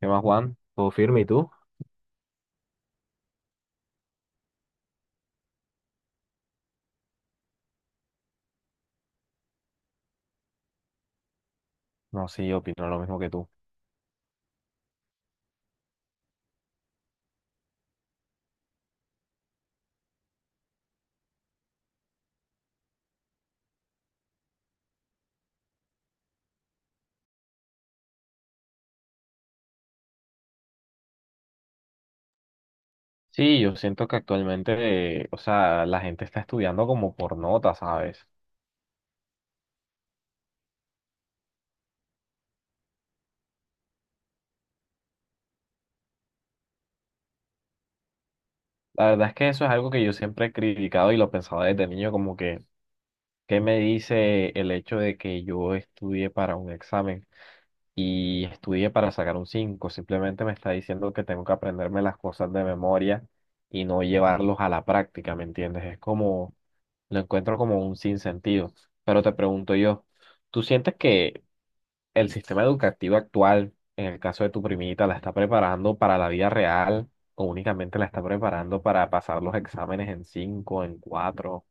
¿Qué más, Juan? ¿Todo firme y tú? No, sí, yo opino lo mismo que tú. Sí, yo siento que actualmente, o sea, la gente está estudiando como por nota, ¿sabes? La verdad es que eso es algo que yo siempre he criticado y lo pensaba desde niño, como que, ¿qué me dice el hecho de que yo estudie para un examen y estudie para sacar un 5? Simplemente me está diciendo que tengo que aprenderme las cosas de memoria y no llevarlos a la práctica, ¿me entiendes? Es como, lo encuentro como un sinsentido. Pero te pregunto yo. ¿Tú sientes que el sistema educativo actual, en el caso de tu primita, la está preparando para la vida real o únicamente la está preparando para pasar los exámenes en cinco, en cuatro?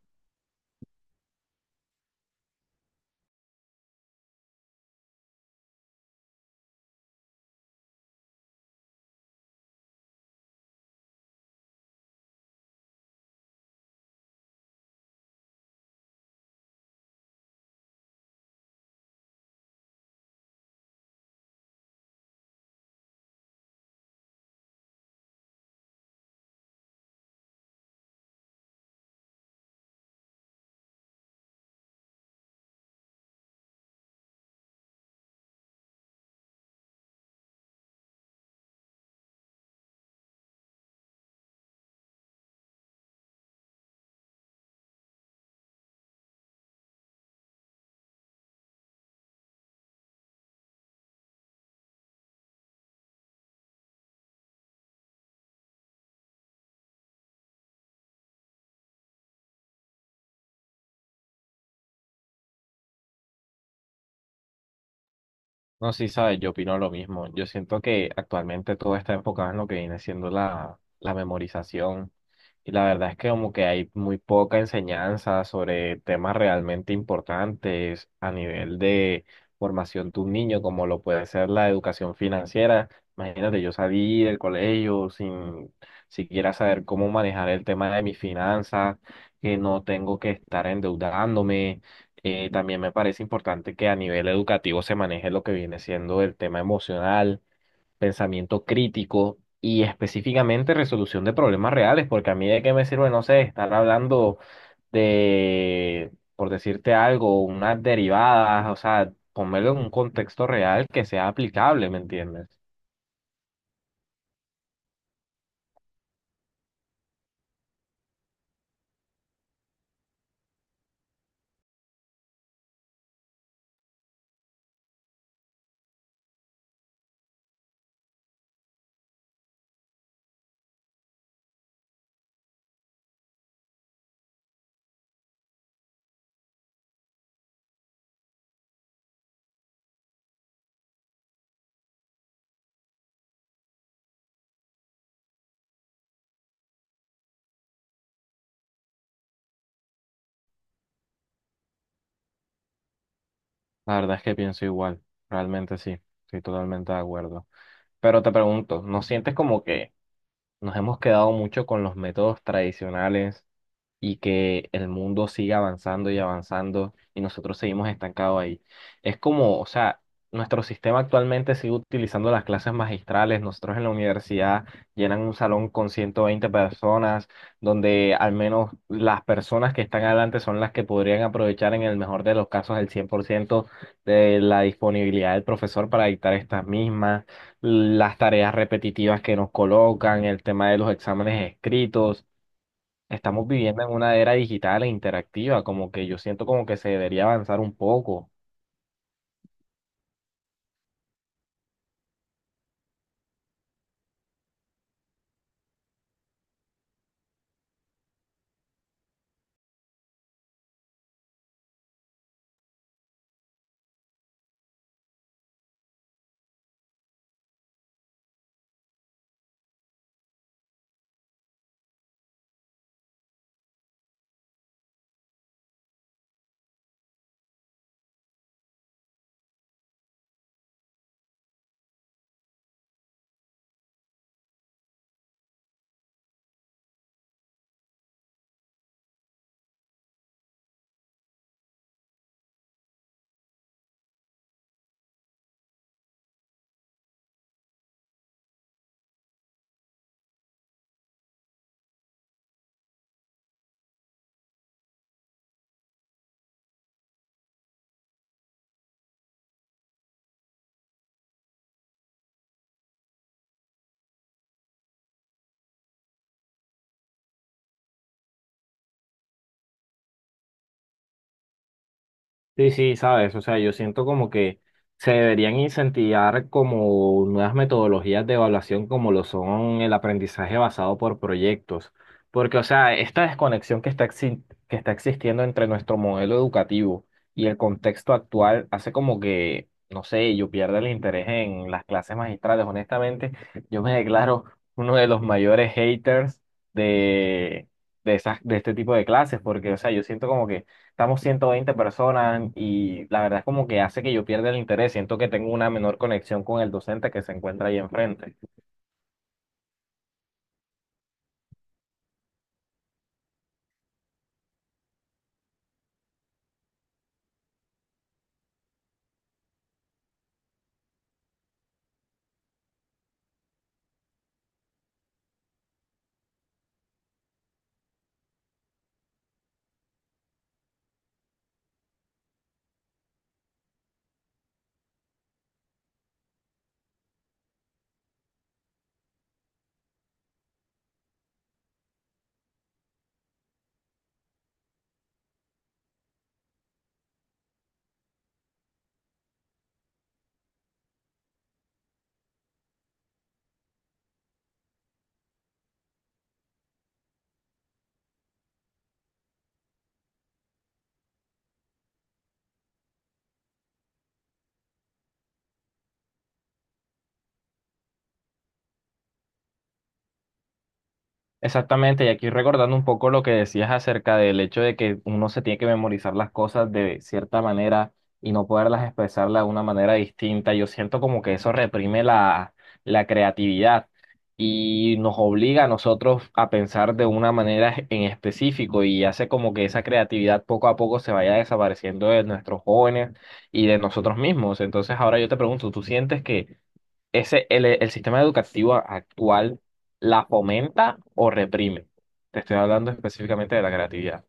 No, sí, sabes, yo opino lo mismo. Yo siento que actualmente todo está enfocado en lo que viene siendo la memorización. Y la verdad es que como que hay muy poca enseñanza sobre temas realmente importantes a nivel de formación de un niño, como lo puede ser la educación financiera. Imagínate, yo salí del colegio sin siquiera saber cómo manejar el tema de mis finanzas, que no tengo que estar endeudándome. También me parece importante que a nivel educativo se maneje lo que viene siendo el tema emocional, pensamiento crítico y específicamente resolución de problemas reales, porque a mí de qué me sirve, no sé, estar hablando de, por decirte algo, unas derivadas, o sea, ponerlo en un contexto real que sea aplicable, ¿me entiendes? La verdad es que pienso igual, realmente sí, estoy totalmente de acuerdo. Pero te pregunto, ¿no sientes como que nos hemos quedado mucho con los métodos tradicionales y que el mundo siga avanzando y avanzando y nosotros seguimos estancados ahí? Es como, o sea, nuestro sistema actualmente sigue utilizando las clases magistrales, nosotros en la universidad llenan un salón con 120 personas, donde al menos las personas que están adelante son las que podrían aprovechar en el mejor de los casos el 100% de la disponibilidad del profesor para dictar estas mismas, las tareas repetitivas que nos colocan, el tema de los exámenes escritos. Estamos viviendo en una era digital e interactiva, como que yo siento como que se debería avanzar un poco. Sí, sí, sabes, o sea, yo siento como que se deberían incentivar como nuevas metodologías de evaluación como lo son el aprendizaje basado por proyectos, porque, o sea, esta desconexión que está, que está existiendo entre nuestro modelo educativo y el contexto actual hace como que, no sé, yo pierda el interés en las clases magistrales. Honestamente, yo me declaro uno de los mayores haters de, esas, de este tipo de clases, porque, o sea, yo siento como que estamos 120 personas y la verdad es como que hace que yo pierda el interés, siento que tengo una menor conexión con el docente que se encuentra ahí enfrente. Exactamente, y aquí recordando un poco lo que decías acerca del hecho de que uno se tiene que memorizar las cosas de cierta manera y no poderlas expresarlas de una manera distinta, yo siento como que eso reprime la creatividad y nos obliga a nosotros a pensar de una manera en específico y hace como que esa creatividad poco a poco se vaya desapareciendo de nuestros jóvenes y de nosotros mismos. Entonces ahora yo te pregunto, ¿tú sientes que el sistema educativo actual la fomenta o reprime? Te estoy hablando específicamente de la creatividad.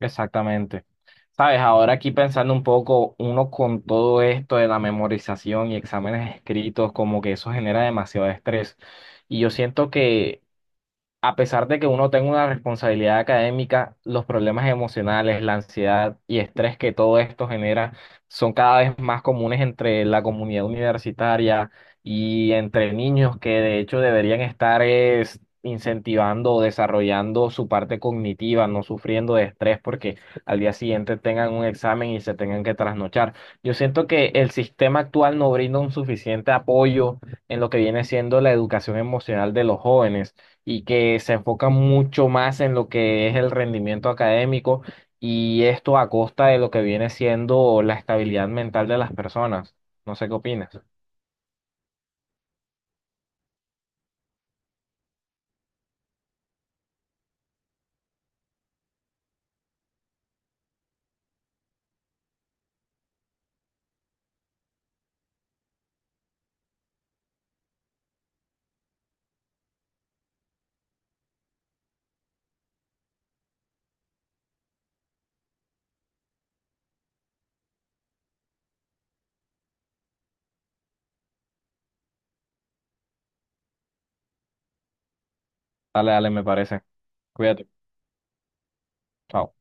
Exactamente. Sabes, ahora aquí pensando un poco, uno con todo esto de la memorización y exámenes escritos, como que eso genera demasiado estrés. Y yo siento que a pesar de que uno tenga una responsabilidad académica, los problemas emocionales, la ansiedad y estrés que todo esto genera son cada vez más comunes entre la comunidad universitaria y entre niños que de hecho deberían estar es, incentivando o desarrollando su parte cognitiva, no sufriendo de estrés porque al día siguiente tengan un examen y se tengan que trasnochar. Yo siento que el sistema actual no brinda un suficiente apoyo en lo que viene siendo la educación emocional de los jóvenes y que se enfoca mucho más en lo que es el rendimiento académico y esto a costa de lo que viene siendo la estabilidad mental de las personas. No sé qué opinas. Dale, dale, me parece. Cuídate. Chao.